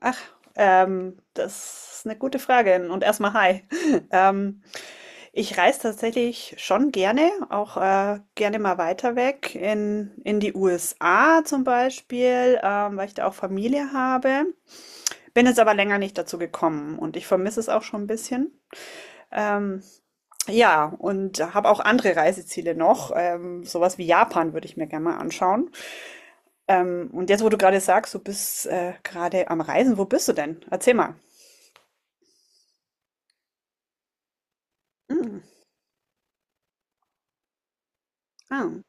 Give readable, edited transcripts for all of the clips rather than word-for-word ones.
Ach, das ist eine gute Frage. Und erstmal hi. Ähm, Ich reise tatsächlich schon gerne, auch gerne mal weiter weg in die USA zum Beispiel, weil ich da auch Familie habe. Bin jetzt aber länger nicht dazu gekommen und ich vermisse es auch schon ein bisschen. Ähm, ja, und habe auch andere Reiseziele noch. Sowas wie Japan würde ich mir gerne mal anschauen. Und jetzt, wo du gerade sagst, du bist gerade am Reisen, wo bist du denn? Erzähl mal. Ah.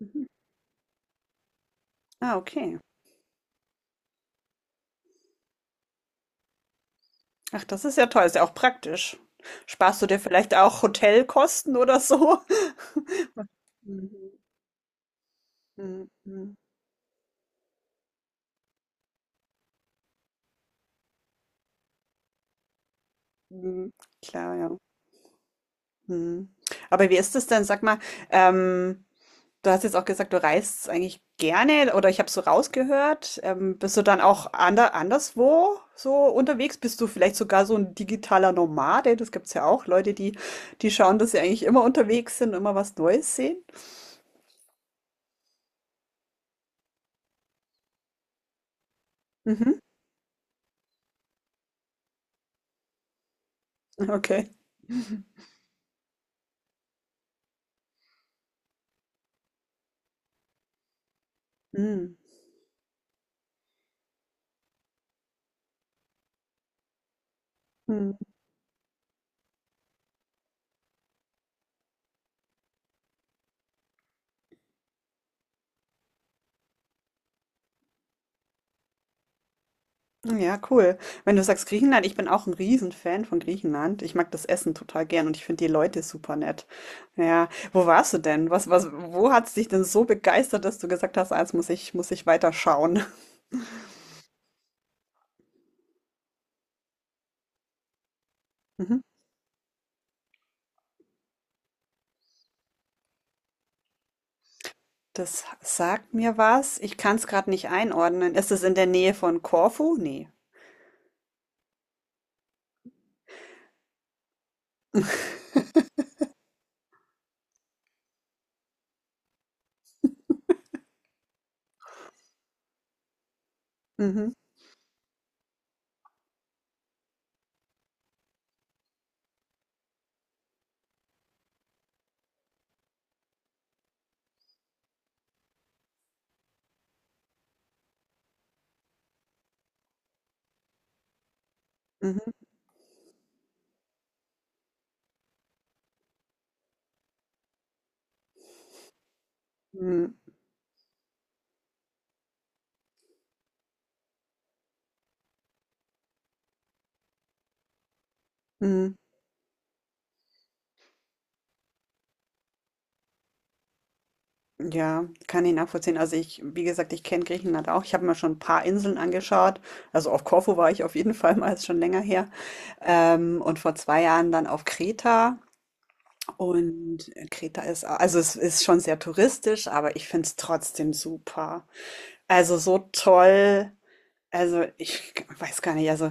Mhm. Ah, okay. Ach, das ist ja toll, ist ja auch praktisch. Sparst du dir vielleicht auch Hotelkosten oder so? Mhm. Mhm. Mhm. Mhm. Klar, ja. Mhm. Aber wie ist es denn? Sag mal, ähm, du hast jetzt auch gesagt, du reist eigentlich gerne oder ich habe so rausgehört. Bist du dann auch anderswo so unterwegs? Bist du vielleicht sogar so ein digitaler Nomade? Das gibt es ja auch, Leute, die, die schauen, dass sie eigentlich immer unterwegs sind, immer was Neues sehen. Mhm. Okay. Mhm. Mhm. Ja, cool. Wenn du sagst Griechenland, ich bin auch ein Riesenfan von Griechenland. Ich mag das Essen total gern und ich finde die Leute super nett. Ja, wo warst du denn? Wo hat es dich denn so begeistert, dass du gesagt hast, als muss ich weiter schauen? Mhm. Das sagt mir was. Ich kann es gerade nicht einordnen. Ist es in der Nähe von Korfu? Nee. Mhm. Mhm. Mhm. Mhm. Ja, kann ich nachvollziehen. Also ich, wie gesagt, ich kenne Griechenland auch. Ich habe mir schon ein paar Inseln angeschaut. Also auf Korfu war ich auf jeden Fall mal, ist schon länger her. Und vor zwei Jahren dann auf Kreta. Und Kreta ist, also es ist schon sehr touristisch, aber ich finde es trotzdem super. Also so toll. Also ich weiß gar nicht, also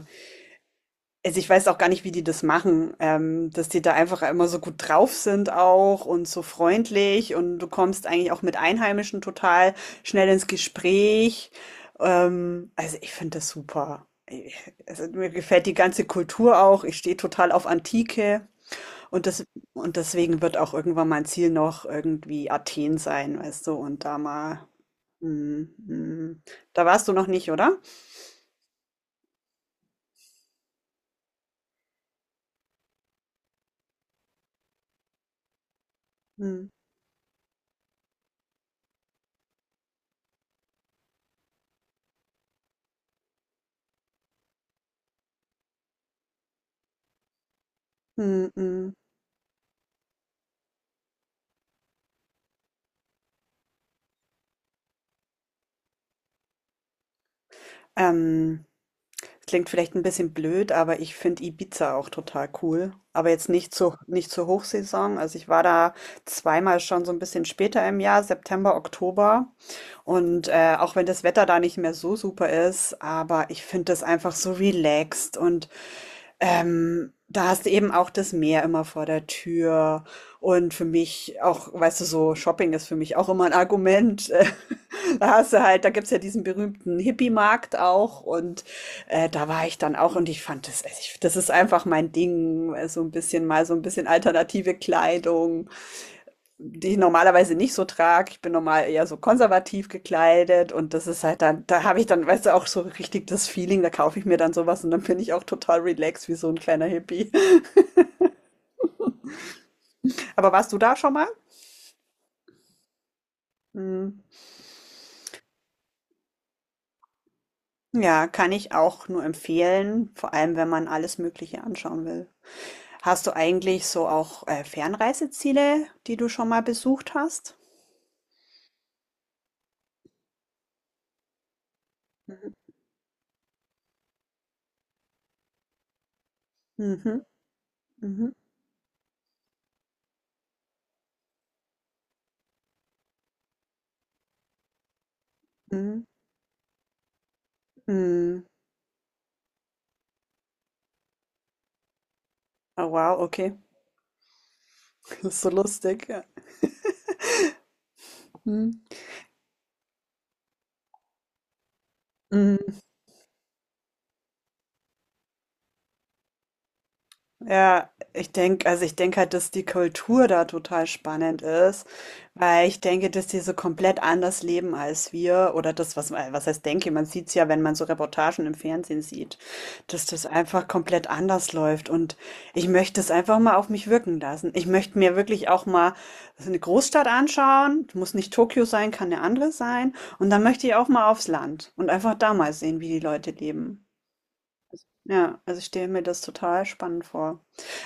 also, ich weiß auch gar nicht, wie die das machen, dass die da einfach immer so gut drauf sind auch und so freundlich und du kommst eigentlich auch mit Einheimischen total schnell ins Gespräch. Also, ich finde das super. Also, mir gefällt die ganze Kultur auch. Ich stehe total auf Antike und das, und deswegen wird auch irgendwann mein Ziel noch irgendwie Athen sein, weißt du, und da mal, mm, mm. Da warst du noch nicht, oder? Hm, hm, hm. Ähm, Klingt vielleicht ein bisschen blöd, aber ich finde Ibiza auch total cool. Aber jetzt nicht zur Hochsaison. Also, ich war da zweimal schon so ein bisschen später im Jahr, September, Oktober. Und, auch wenn das Wetter da nicht mehr so super ist, aber ich finde das einfach so relaxed und da hast du eben auch das Meer immer vor der Tür. Und für mich auch, weißt du, so Shopping ist für mich auch immer ein Argument. Da hast du halt, da gibt's ja diesen berühmten Hippie-Markt auch. Und da war ich dann auch und ich fand das, also ich, das ist einfach mein Ding. So ein bisschen alternative Kleidung die ich normalerweise nicht so trage. Ich bin normal eher so konservativ gekleidet und das ist halt dann, da habe ich dann, weißt du, auch so richtig das Feeling, da kaufe ich mir dann sowas und dann bin ich auch total relaxed wie so ein kleiner Hippie. Aber warst du da schon mal? Hm. Ja, kann ich auch nur empfehlen, vor allem wenn man alles Mögliche anschauen will. Hast du eigentlich so auch Fernreiseziele, die du schon mal besucht hast? Mhm, mhm, mhm, mhm. Oh wow, okay. Das ist so lustig. Ja. Mhm. Mhm. Ja, ich denke, also ich denke halt, dass die Kultur da total spannend ist, weil ich denke, dass die so komplett anders leben als wir oder das, was heißt denke, man sieht es ja, wenn man so Reportagen im Fernsehen sieht, dass das einfach komplett anders läuft und ich möchte es einfach mal auf mich wirken lassen. Ich möchte mir wirklich auch mal so eine Großstadt anschauen, muss nicht Tokio sein, kann eine andere sein und dann möchte ich auch mal aufs Land und einfach da mal sehen, wie die Leute leben. Ja, also ich stelle mir das total spannend vor.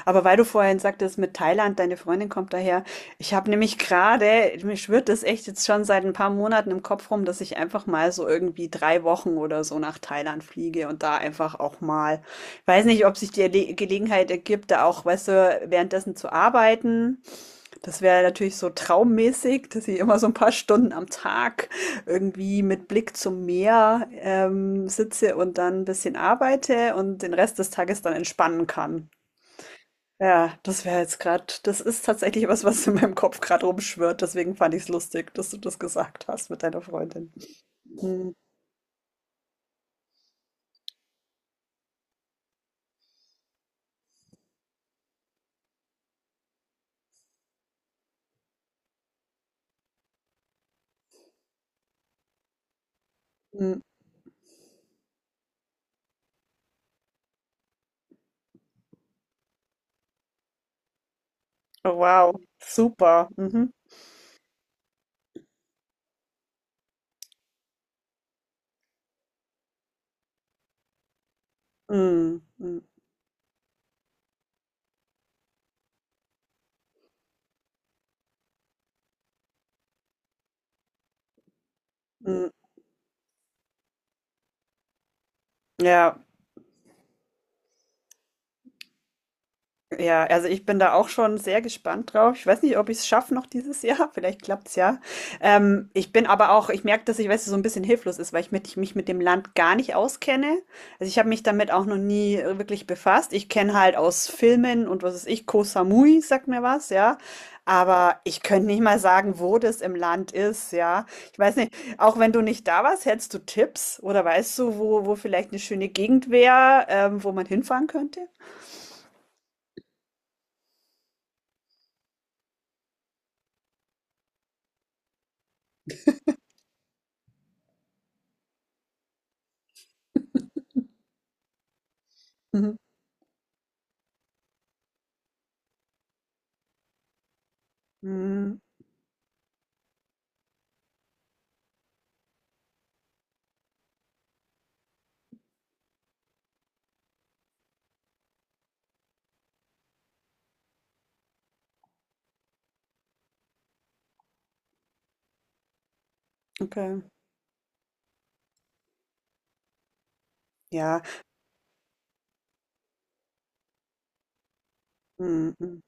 Aber weil du vorhin sagtest, mit Thailand, deine Freundin kommt daher. Ich habe nämlich gerade, mir schwirrt das echt jetzt schon seit ein paar Monaten im Kopf rum, dass ich einfach mal so irgendwie drei Wochen oder so nach Thailand fliege und da einfach auch mal, weiß nicht, ob sich die Gelegenheit ergibt, da auch, weißt du, währenddessen zu arbeiten. Das wäre natürlich so traummäßig, dass ich immer so ein paar Stunden am Tag irgendwie mit Blick zum Meer, sitze und dann ein bisschen arbeite und den Rest des Tages dann entspannen kann. Ja, das wäre jetzt gerade. Das ist tatsächlich was, was in meinem Kopf gerade rumschwirrt, deswegen fand ich es lustig, dass du das gesagt hast mit deiner Freundin. Mhm, mhm. Oh wow, super. Mhm. Mhm, mhm, mhm. Ja, ja, also ich bin da auch schon sehr gespannt drauf. Ich weiß nicht, ob ich es schaffe noch dieses Jahr. Vielleicht klappt es ja. Ich bin aber auch, ich merke, dass ich, weißt du, so ein bisschen hilflos ist, weil ich, mit, ich mich mit dem Land gar nicht auskenne. Also ich habe mich damit auch noch nie wirklich befasst. Ich kenne halt aus Filmen und was weiß ich, Koh Samui sagt mir was, ja. Aber ich könnte nicht mal sagen, wo das im Land ist, ja. Ich weiß nicht, auch wenn du nicht da warst, hättest du Tipps oder weißt du, wo vielleicht eine schöne Gegend wäre, wo man hinfahren könnte? Mhm. Mhm. Okay, ja. Mhm. Mhm.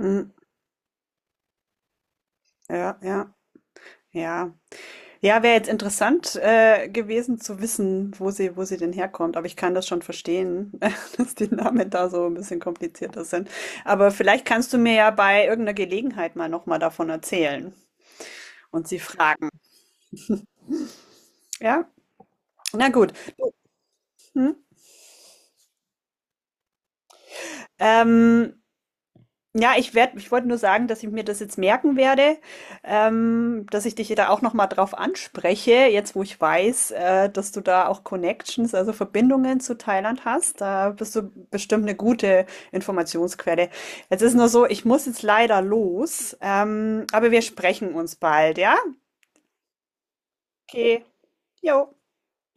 Mhm. Ja, ja, ja. Ja, wäre jetzt interessant gewesen zu wissen, wo sie denn herkommt. Aber ich kann das schon verstehen, dass die Namen da so ein bisschen komplizierter sind. Aber vielleicht kannst du mir ja bei irgendeiner Gelegenheit mal nochmal davon erzählen und sie fragen. Ja, na gut. Hm? Ähm, ich wollte nur sagen, dass ich mir das jetzt merken werde, dass ich dich da auch noch mal drauf anspreche, jetzt wo ich weiß, dass du da auch Connections, also Verbindungen zu Thailand hast. Da bist du bestimmt eine gute Informationsquelle. Jetzt ist nur so, ich muss jetzt leider los, aber wir sprechen uns bald, ja? Okay, jo.